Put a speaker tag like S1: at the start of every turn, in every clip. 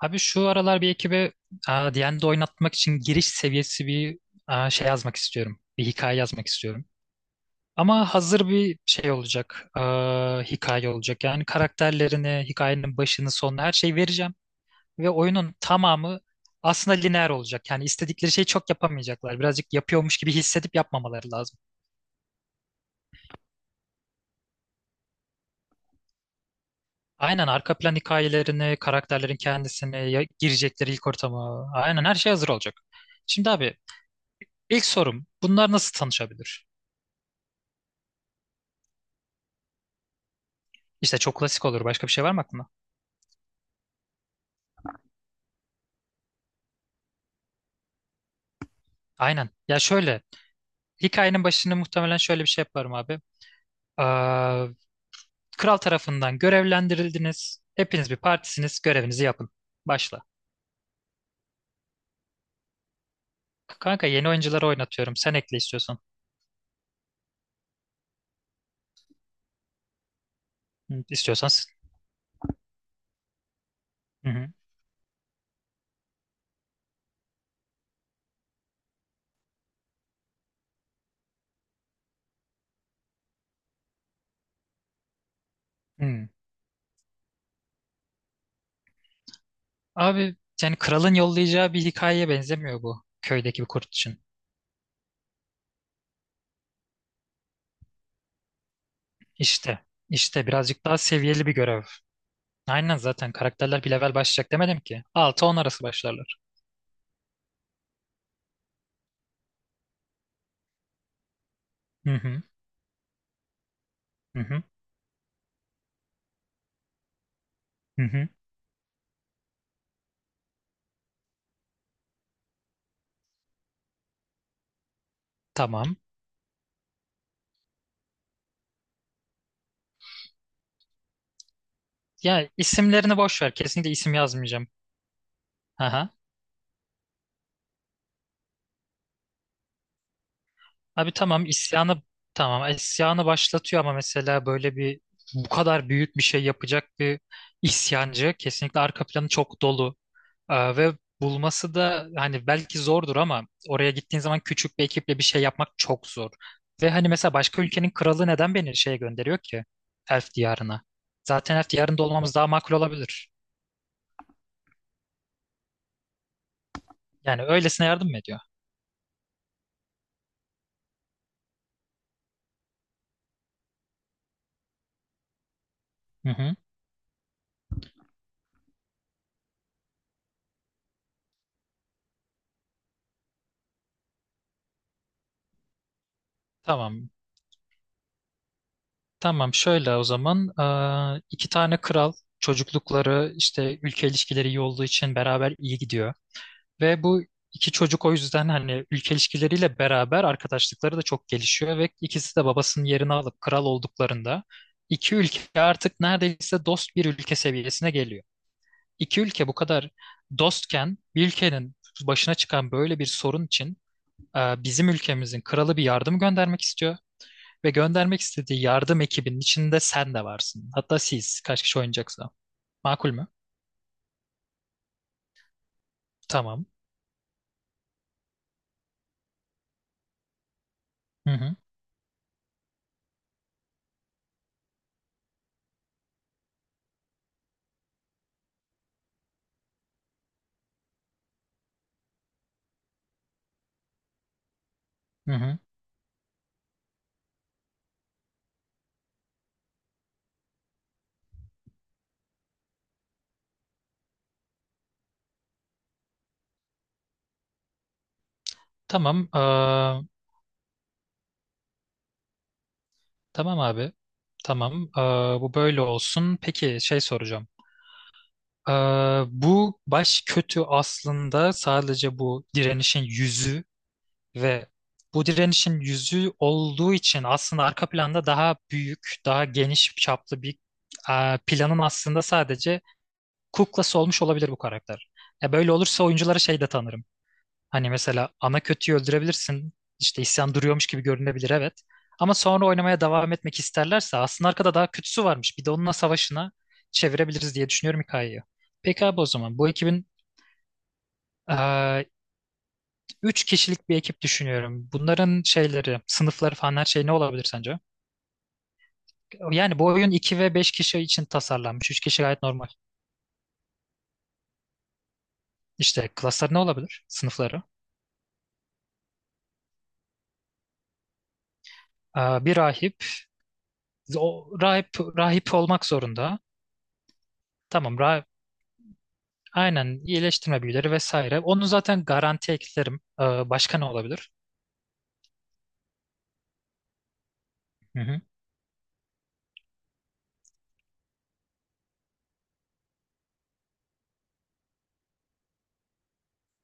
S1: Abi şu aralar bir ekibe D&D oynatmak için giriş seviyesi bir şey yazmak istiyorum. Bir hikaye yazmak istiyorum. Ama hazır bir şey olacak. Hikaye olacak. Yani karakterlerini, hikayenin başını, sonunu her şeyi vereceğim. Ve oyunun tamamı aslında lineer olacak. Yani istedikleri şeyi çok yapamayacaklar. Birazcık yapıyormuş gibi hissedip yapmamaları lazım. Aynen arka plan hikayelerini, karakterlerin kendisini, girecekleri ilk ortamı. Aynen her şey hazır olacak. Şimdi abi ilk sorum bunlar nasıl tanışabilir? İşte çok klasik olur. Başka bir şey var mı aklında? Aynen. Ya şöyle. Hikayenin başını muhtemelen şöyle bir şey yaparım abi. Aa, Kral tarafından görevlendirildiniz. Hepiniz bir partisiniz. Görevinizi yapın. Başla. Kanka yeni oyuncuları oynatıyorum. Sen ekle istiyorsan. Hı. İstiyorsan sen. Hı hı. Hı. Abi yani kralın yollayacağı bir hikayeye benzemiyor bu. Köydeki bir kurt için. İşte. İşte birazcık daha seviyeli bir görev. Aynen zaten karakterler bir level başlayacak demedim ki. 6-10 arası başlarlar. Hı hı. Hı hı. Hı hı. Tamam. Ya isimlerini boş ver. Kesinlikle isim yazmayacağım. Aha. Abi tamam isyanı başlatıyor ama mesela böyle bir bu kadar büyük bir şey yapacak bir isyancı kesinlikle arka planı çok dolu. Ve bulması da hani belki zordur ama oraya gittiğin zaman küçük bir ekiple bir şey yapmak çok zor. Ve hani mesela başka ülkenin kralı neden beni şeye gönderiyor ki? Elf diyarına. Zaten Elf diyarında olmamız daha makul olabilir. Yani öylesine yardım mı ediyor? Hı hı. Tamam. Tamam şöyle o zaman iki tane kral çocuklukları işte ülke ilişkileri iyi olduğu için beraber iyi gidiyor. Ve bu iki çocuk o yüzden hani ülke ilişkileriyle beraber arkadaşlıkları da çok gelişiyor ve ikisi de babasının yerini alıp kral olduklarında iki ülke artık neredeyse dost bir ülke seviyesine geliyor. İki ülke bu kadar dostken bir ülkenin başına çıkan böyle bir sorun için bizim ülkemizin kralı bir yardım göndermek istiyor. Ve göndermek istediği yardım ekibinin içinde sen de varsın. Hatta siz kaç kişi oynayacaksa. Makul mü? Tamam. Hı hı. Hı hı. Tamam. Tamam abi. Tamam. Bu böyle olsun. Peki şey soracağım. Bu baş kötü aslında sadece bu direnişin yüzü ve bu direnişin yüzü olduğu için aslında arka planda daha büyük, daha geniş çaplı bir planın aslında sadece kuklası olmuş olabilir bu karakter. Böyle olursa oyunculara şey de tanırım. Hani mesela ana kötüyü öldürebilirsin. İşte isyan duruyormuş gibi görünebilir evet. Ama sonra oynamaya devam etmek isterlerse aslında arkada daha kötüsü varmış. Bir de onunla savaşına çevirebiliriz diye düşünüyorum hikayeyi. Peki abi o zaman bu ekibin eee, üç kişilik bir ekip düşünüyorum. Bunların şeyleri, sınıfları falan her şey ne olabilir sence? Yani bu oyun 2 ve 5 kişi için tasarlanmış. 3 kişi gayet normal. İşte klaslar ne olabilir? Sınıfları. Bir rahip. O rahip rahip olmak zorunda. Tamam rahip aynen iyileştirme büyüleri vesaire. Onu zaten garanti eklerim. Başka ne olabilir? Hı hı.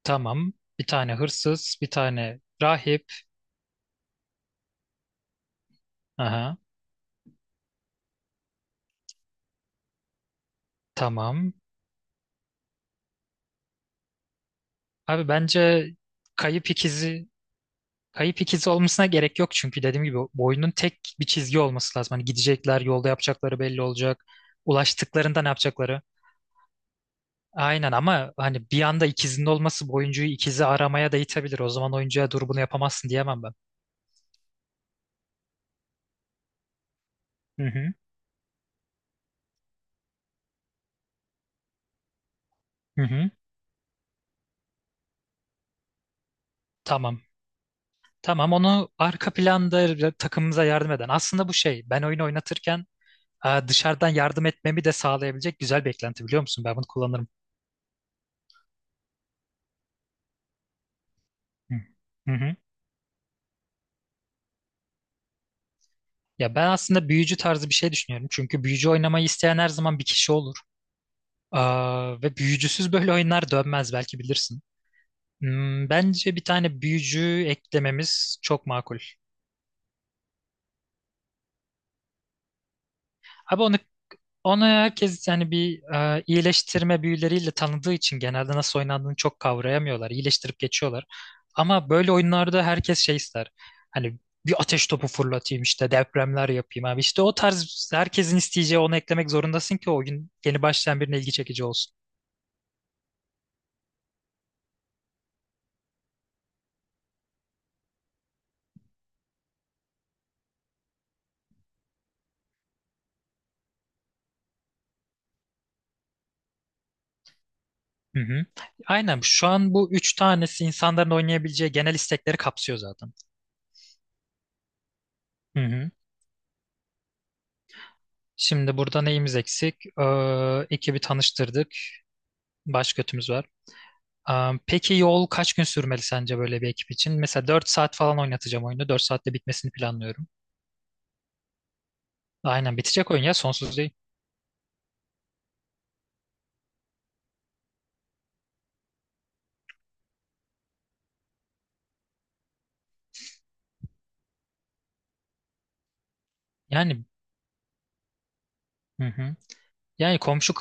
S1: Tamam. Bir tane hırsız, bir tane rahip. Aha, tamam. Abi bence kayıp ikizi kayıp ikizi olmasına gerek yok çünkü dediğim gibi bu oyunun tek bir çizgi olması lazım. Hani gidecekler, yolda yapacakları belli olacak. Ulaştıklarında ne yapacakları? Aynen ama hani bir anda ikizinin olması bu oyuncuyu ikizi aramaya da itebilir. O zaman oyuncuya dur bunu yapamazsın diyemem ben. Hı hı. Hı hı. Tamam. Tamam onu arka planda takımımıza yardım eden. Aslında bu şey ben oyunu oynatırken dışarıdan yardım etmemi de sağlayabilecek güzel beklenti biliyor musun? Ben bunu kullanırım. Hı hı. Hı. Ya ben aslında büyücü tarzı bir şey düşünüyorum. Çünkü büyücü oynamayı isteyen her zaman bir kişi olur. Ve büyücüsüz böyle oyunlar dönmez belki bilirsin. Bence bir tane büyücü eklememiz çok makul. Abi onu herkes yani bir iyileştirme büyüleriyle tanıdığı için genelde nasıl oynandığını çok kavrayamıyorlar. İyileştirip geçiyorlar. Ama böyle oyunlarda herkes şey ister. Hani bir ateş topu fırlatayım işte depremler yapayım abi. İşte o tarz herkesin isteyeceği onu eklemek zorundasın ki o oyun yeni başlayan birine ilgi çekici olsun. Hı hı. Aynen şu an bu üç tanesi insanların oynayabileceği genel istekleri kapsıyor zaten. Hı hı. Şimdi burada neyimiz eksik? Ekibi tanıştırdık. Baş götümüz var. Peki yol kaç gün sürmeli sence böyle bir ekip için? Mesela 4 saat falan oynatacağım oyunu. 4 saatte bitmesini planlıyorum. Aynen bitecek oyun ya sonsuz değil. Yani hı hı. Yani komşu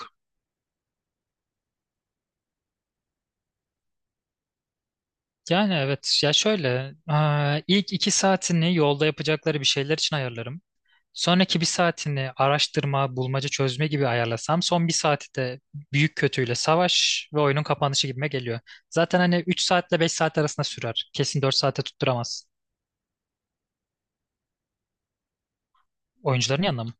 S1: yani evet ya şöyle ilk 2 saatini yolda yapacakları bir şeyler için ayarlarım. Sonraki bir saatini araştırma, bulmaca çözme gibi ayarlasam son bir saati de büyük kötüyle savaş ve oyunun kapanışı gibime geliyor. Zaten hani 3 saatle 5 saat arasında sürer. Kesin 4 saate tutturamaz. Oyuncuların yanına mı?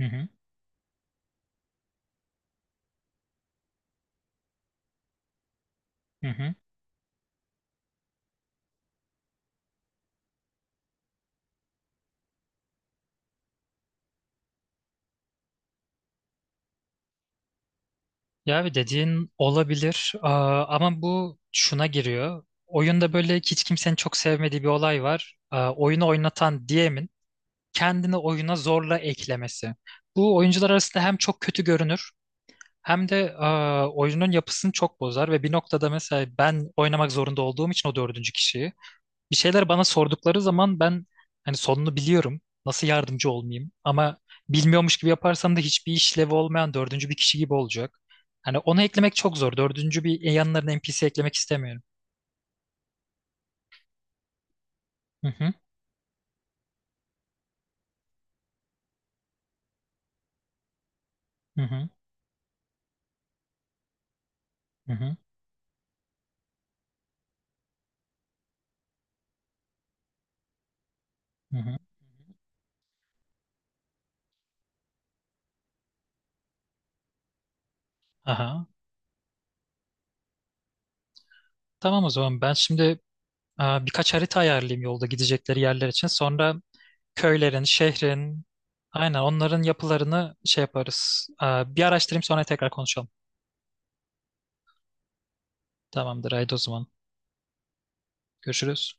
S1: Hı hı. Hı hı. Ya abi dediğin olabilir. Ama bu şuna giriyor. Oyunda böyle hiç kimsenin çok sevmediği bir olay var. Oyunu oynatan DM'in kendini oyuna zorla eklemesi. Bu oyuncular arasında hem çok kötü görünür hem de oyunun yapısını çok bozar ve bir noktada mesela ben oynamak zorunda olduğum için o dördüncü kişiyi bir şeyler bana sordukları zaman ben hani sonunu biliyorum. Nasıl yardımcı olmayayım? Ama bilmiyormuş gibi yaparsam da hiçbir işlevi olmayan dördüncü bir kişi gibi olacak. Hani onu eklemek çok zor. Dördüncü bir yanlarına NPC eklemek istemiyorum. Hı hı hı hı hı hı. Hı hı. Aha. Tamam o zaman ben şimdi birkaç harita ayarlayayım yolda gidecekleri yerler için. Sonra köylerin, şehrin, aynen onların yapılarını şey yaparız. Bir araştırayım sonra tekrar konuşalım. Tamamdır haydi o zaman. Görüşürüz.